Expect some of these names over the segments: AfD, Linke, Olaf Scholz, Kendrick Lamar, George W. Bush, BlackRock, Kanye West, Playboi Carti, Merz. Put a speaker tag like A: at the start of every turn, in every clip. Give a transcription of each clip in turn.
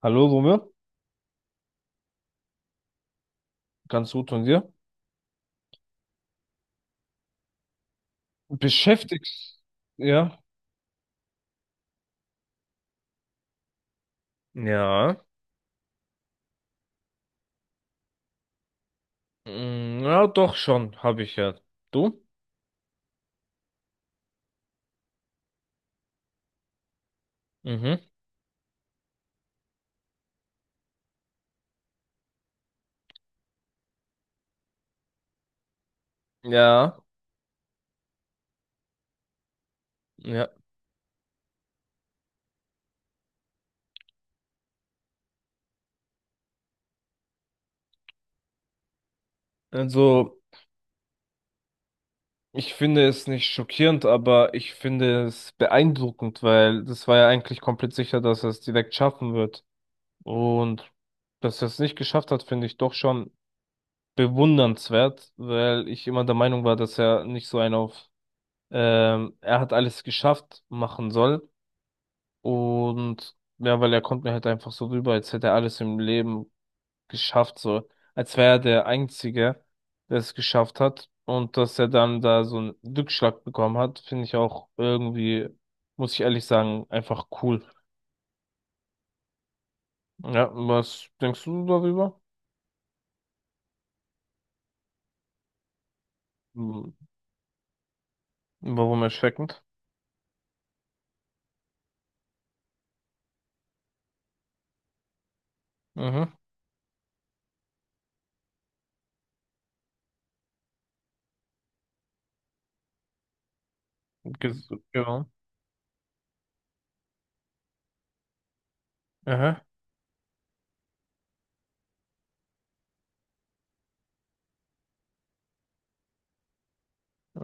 A: Hallo, Romeo. Ganz gut, von dir? Beschäftigst, ja? Ja. Mm, ja, doch schon, habe ich ja. Du? Mhm. Ja, ja. Also, ich finde es nicht schockierend, aber ich finde es beeindruckend, weil das war ja eigentlich komplett sicher, dass er es direkt schaffen wird. Und dass er es nicht geschafft hat, finde ich doch schon bewundernswert, weil ich immer der Meinung war, dass er nicht so einen auf, er hat alles geschafft machen soll. Und ja, weil er kommt mir halt einfach so rüber, als hätte er alles im Leben geschafft, so. Als wäre er der Einzige, der es geschafft hat. Und dass er dann da so einen Rückschlag bekommen hat, finde ich auch irgendwie, muss ich ehrlich sagen, einfach cool. Ja, was denkst du darüber? Hm, warum erschreckend? Mhm. Genau. Aha.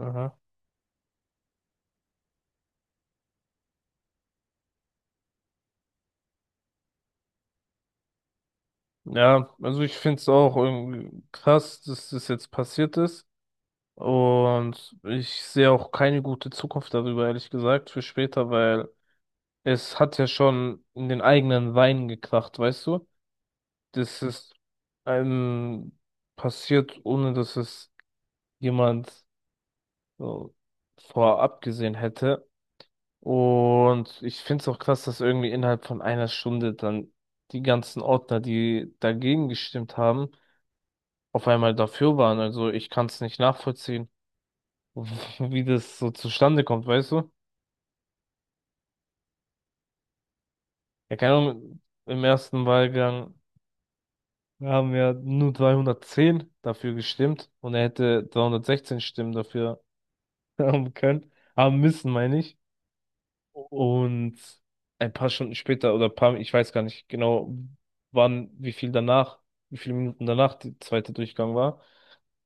A: Aha. Ja, also ich finde es auch irgendwie krass, dass das jetzt passiert ist. Und ich sehe auch keine gute Zukunft darüber, ehrlich gesagt, für später, weil es hat ja schon in den eigenen Wein gekracht, weißt du? Das ist einem passiert, ohne dass es jemand so vorab gesehen hätte. Und ich finde es auch krass, dass irgendwie innerhalb von einer Stunde dann die ganzen Ordner, die dagegen gestimmt haben, auf einmal dafür waren. Also ich kann es nicht nachvollziehen, wie das so zustande kommt, weißt du? Ja, keine Ahnung, im ersten Wahlgang haben ja nur 210 dafür gestimmt und er hätte 316 Stimmen dafür haben können, haben müssen, meine ich. Und ein paar Stunden später oder ein paar, ich weiß gar nicht genau, wann, wie viel danach, wie viele Minuten danach der zweite Durchgang war.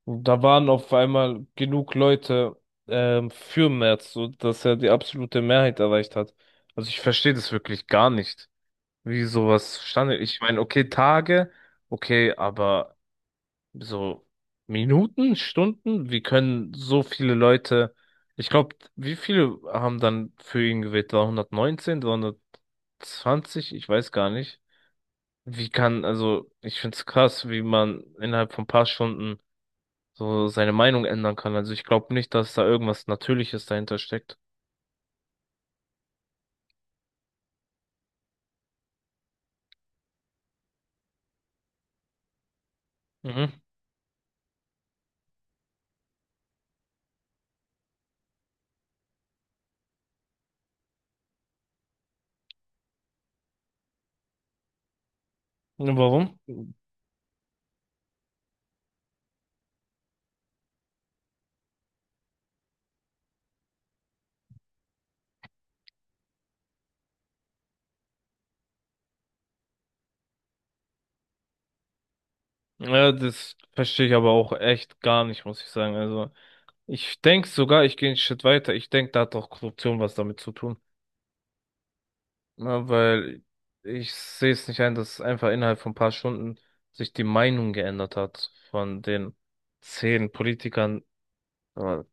A: Und da waren auf einmal genug Leute für Merz, so dass er die absolute Mehrheit erreicht hat. Also ich verstehe das wirklich gar nicht, wie sowas zustande. Ich meine, okay, Tage, okay, aber so Minuten, Stunden, wie können so viele Leute, ich glaube, wie viele haben dann für ihn gewählt? War 119. Ich weiß gar nicht. Wie kann, also, ich finde es krass, wie man innerhalb von ein paar Stunden so seine Meinung ändern kann. Also, ich glaube nicht, dass da irgendwas Natürliches dahinter steckt. Mhm. Und warum? Ja, das verstehe ich aber auch echt gar nicht, muss ich sagen. Also, ich denke sogar, ich gehe einen Schritt weiter. Ich denke, da hat auch Korruption was damit zu tun. Na, weil ich sehe es nicht ein, dass einfach innerhalb von ein paar Stunden sich die Meinung geändert hat von den 10 Politikern. Aber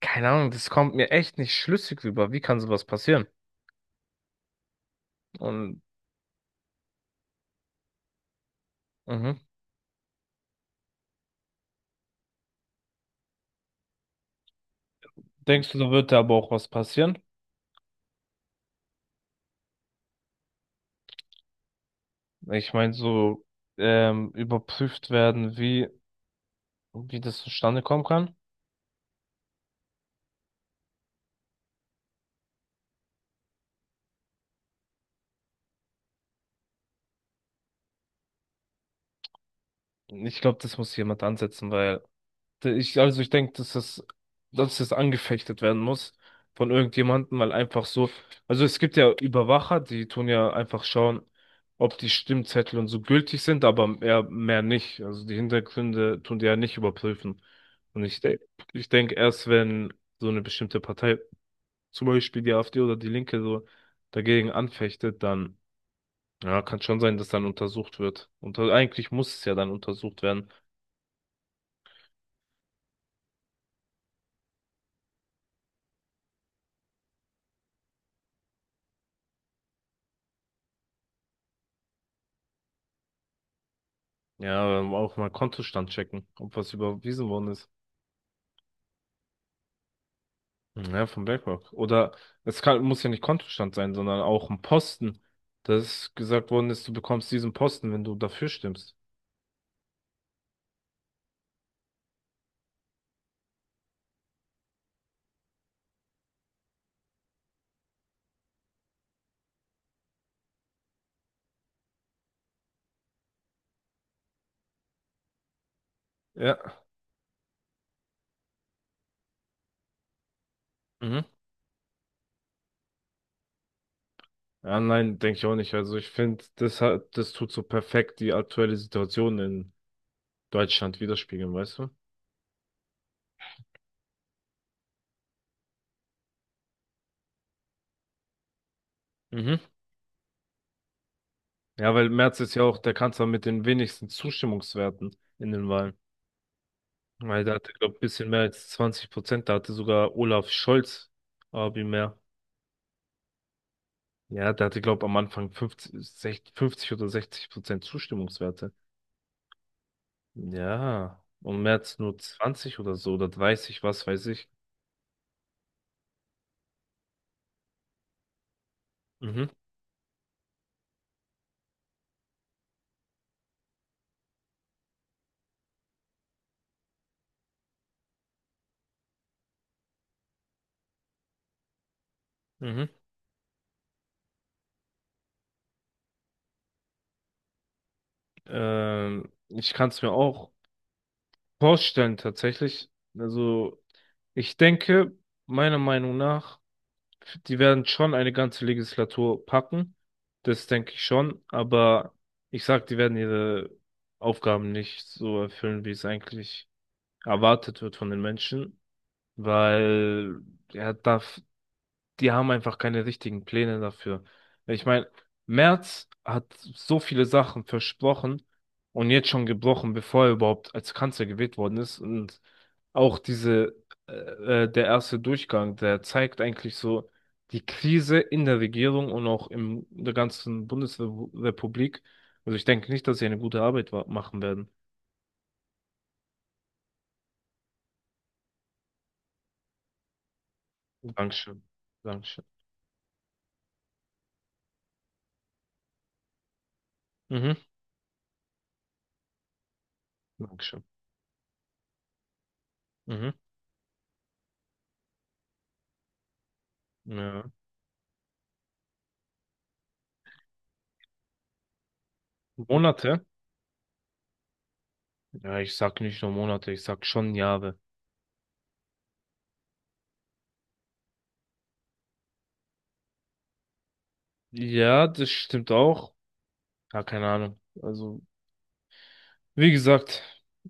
A: keine Ahnung, das kommt mir echt nicht schlüssig rüber. Wie kann sowas passieren? Und mhm. Denkst du, da wird da aber auch was passieren? Ich meine, so überprüft werden, wie, wie das zustande kommen kann. Ich glaube, das muss jemand ansetzen, weil ich, also ich denke, dass das angefechtet werden muss von irgendjemandem, weil einfach so, also es gibt ja Überwacher, die tun ja einfach schauen, ob die Stimmzettel und so gültig sind, aber mehr nicht. Also die Hintergründe tun die ja nicht überprüfen. Und ich denke, erst wenn so eine bestimmte Partei, zum Beispiel die AfD oder die Linke, so dagegen anfechtet, dann, ja, kann schon sein, dass dann untersucht wird. Und eigentlich muss es ja dann untersucht werden. Ja, auch mal Kontostand checken, ob was überwiesen worden ist. Ja, von BlackRock. Oder es kann, muss ja nicht Kontostand sein, sondern auch ein Posten, dass gesagt worden ist, du bekommst diesen Posten, wenn du dafür stimmst. Ja. Mhm. Ja, nein, denke ich auch nicht. Also ich finde, das hat, das tut so perfekt die aktuelle Situation in Deutschland widerspiegeln, weißt du? Mhm. Ja, weil Merz ist ja auch der Kanzler mit den wenigsten Zustimmungswerten in den Wahlen. Weil da hatte, glaube ich, ein bisschen mehr als 20%. Da hatte sogar Olaf Scholz Abi mehr. Ja, der hatte, glaube ich, am Anfang 50 60, 50 oder 60% Zustimmungswerte. Ja, und Merz nur 20 oder so oder 30, was weiß ich. Mhm, mhm. Ich kann es mir auch vorstellen, tatsächlich. Also, ich denke, meiner Meinung nach, die werden schon eine ganze Legislatur packen. Das denke ich schon. Aber ich sag, die werden ihre Aufgaben nicht so erfüllen, wie es eigentlich erwartet wird von den Menschen. Weil er darf, die haben einfach keine richtigen Pläne dafür. Ich meine, Merz hat so viele Sachen versprochen und jetzt schon gebrochen, bevor er überhaupt als Kanzler gewählt worden ist. Und auch diese, der erste Durchgang, der zeigt eigentlich so die Krise in der Regierung und auch in der ganzen Bundesrepublik. Also ich denke nicht, dass sie eine gute Arbeit machen werden. Dankeschön. Dankeschön. Mhm. Dankeschön. Mhm. Ja. Monate. Ja, ich sag nicht nur Monate, ich sag schon Jahre. Ja, das stimmt auch. Ja, keine Ahnung. Also, wie gesagt,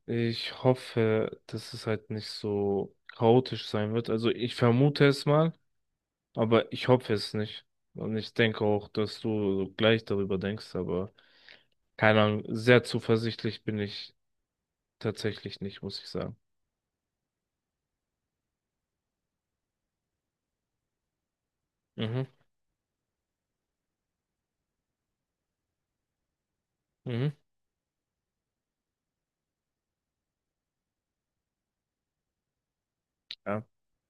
A: ich hoffe, dass es halt nicht so chaotisch sein wird. Also, ich vermute es mal, aber ich hoffe es nicht. Und ich denke auch, dass du so gleich darüber denkst, aber keine Ahnung, sehr zuversichtlich bin ich tatsächlich nicht, muss ich sagen. Mhm, mhm, ja.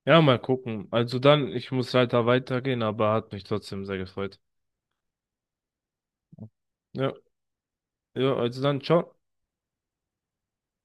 A: Ja, mal gucken. Also dann, ich muss leider weitergehen, aber hat mich trotzdem sehr gefreut. Ja. Yo, also dann çok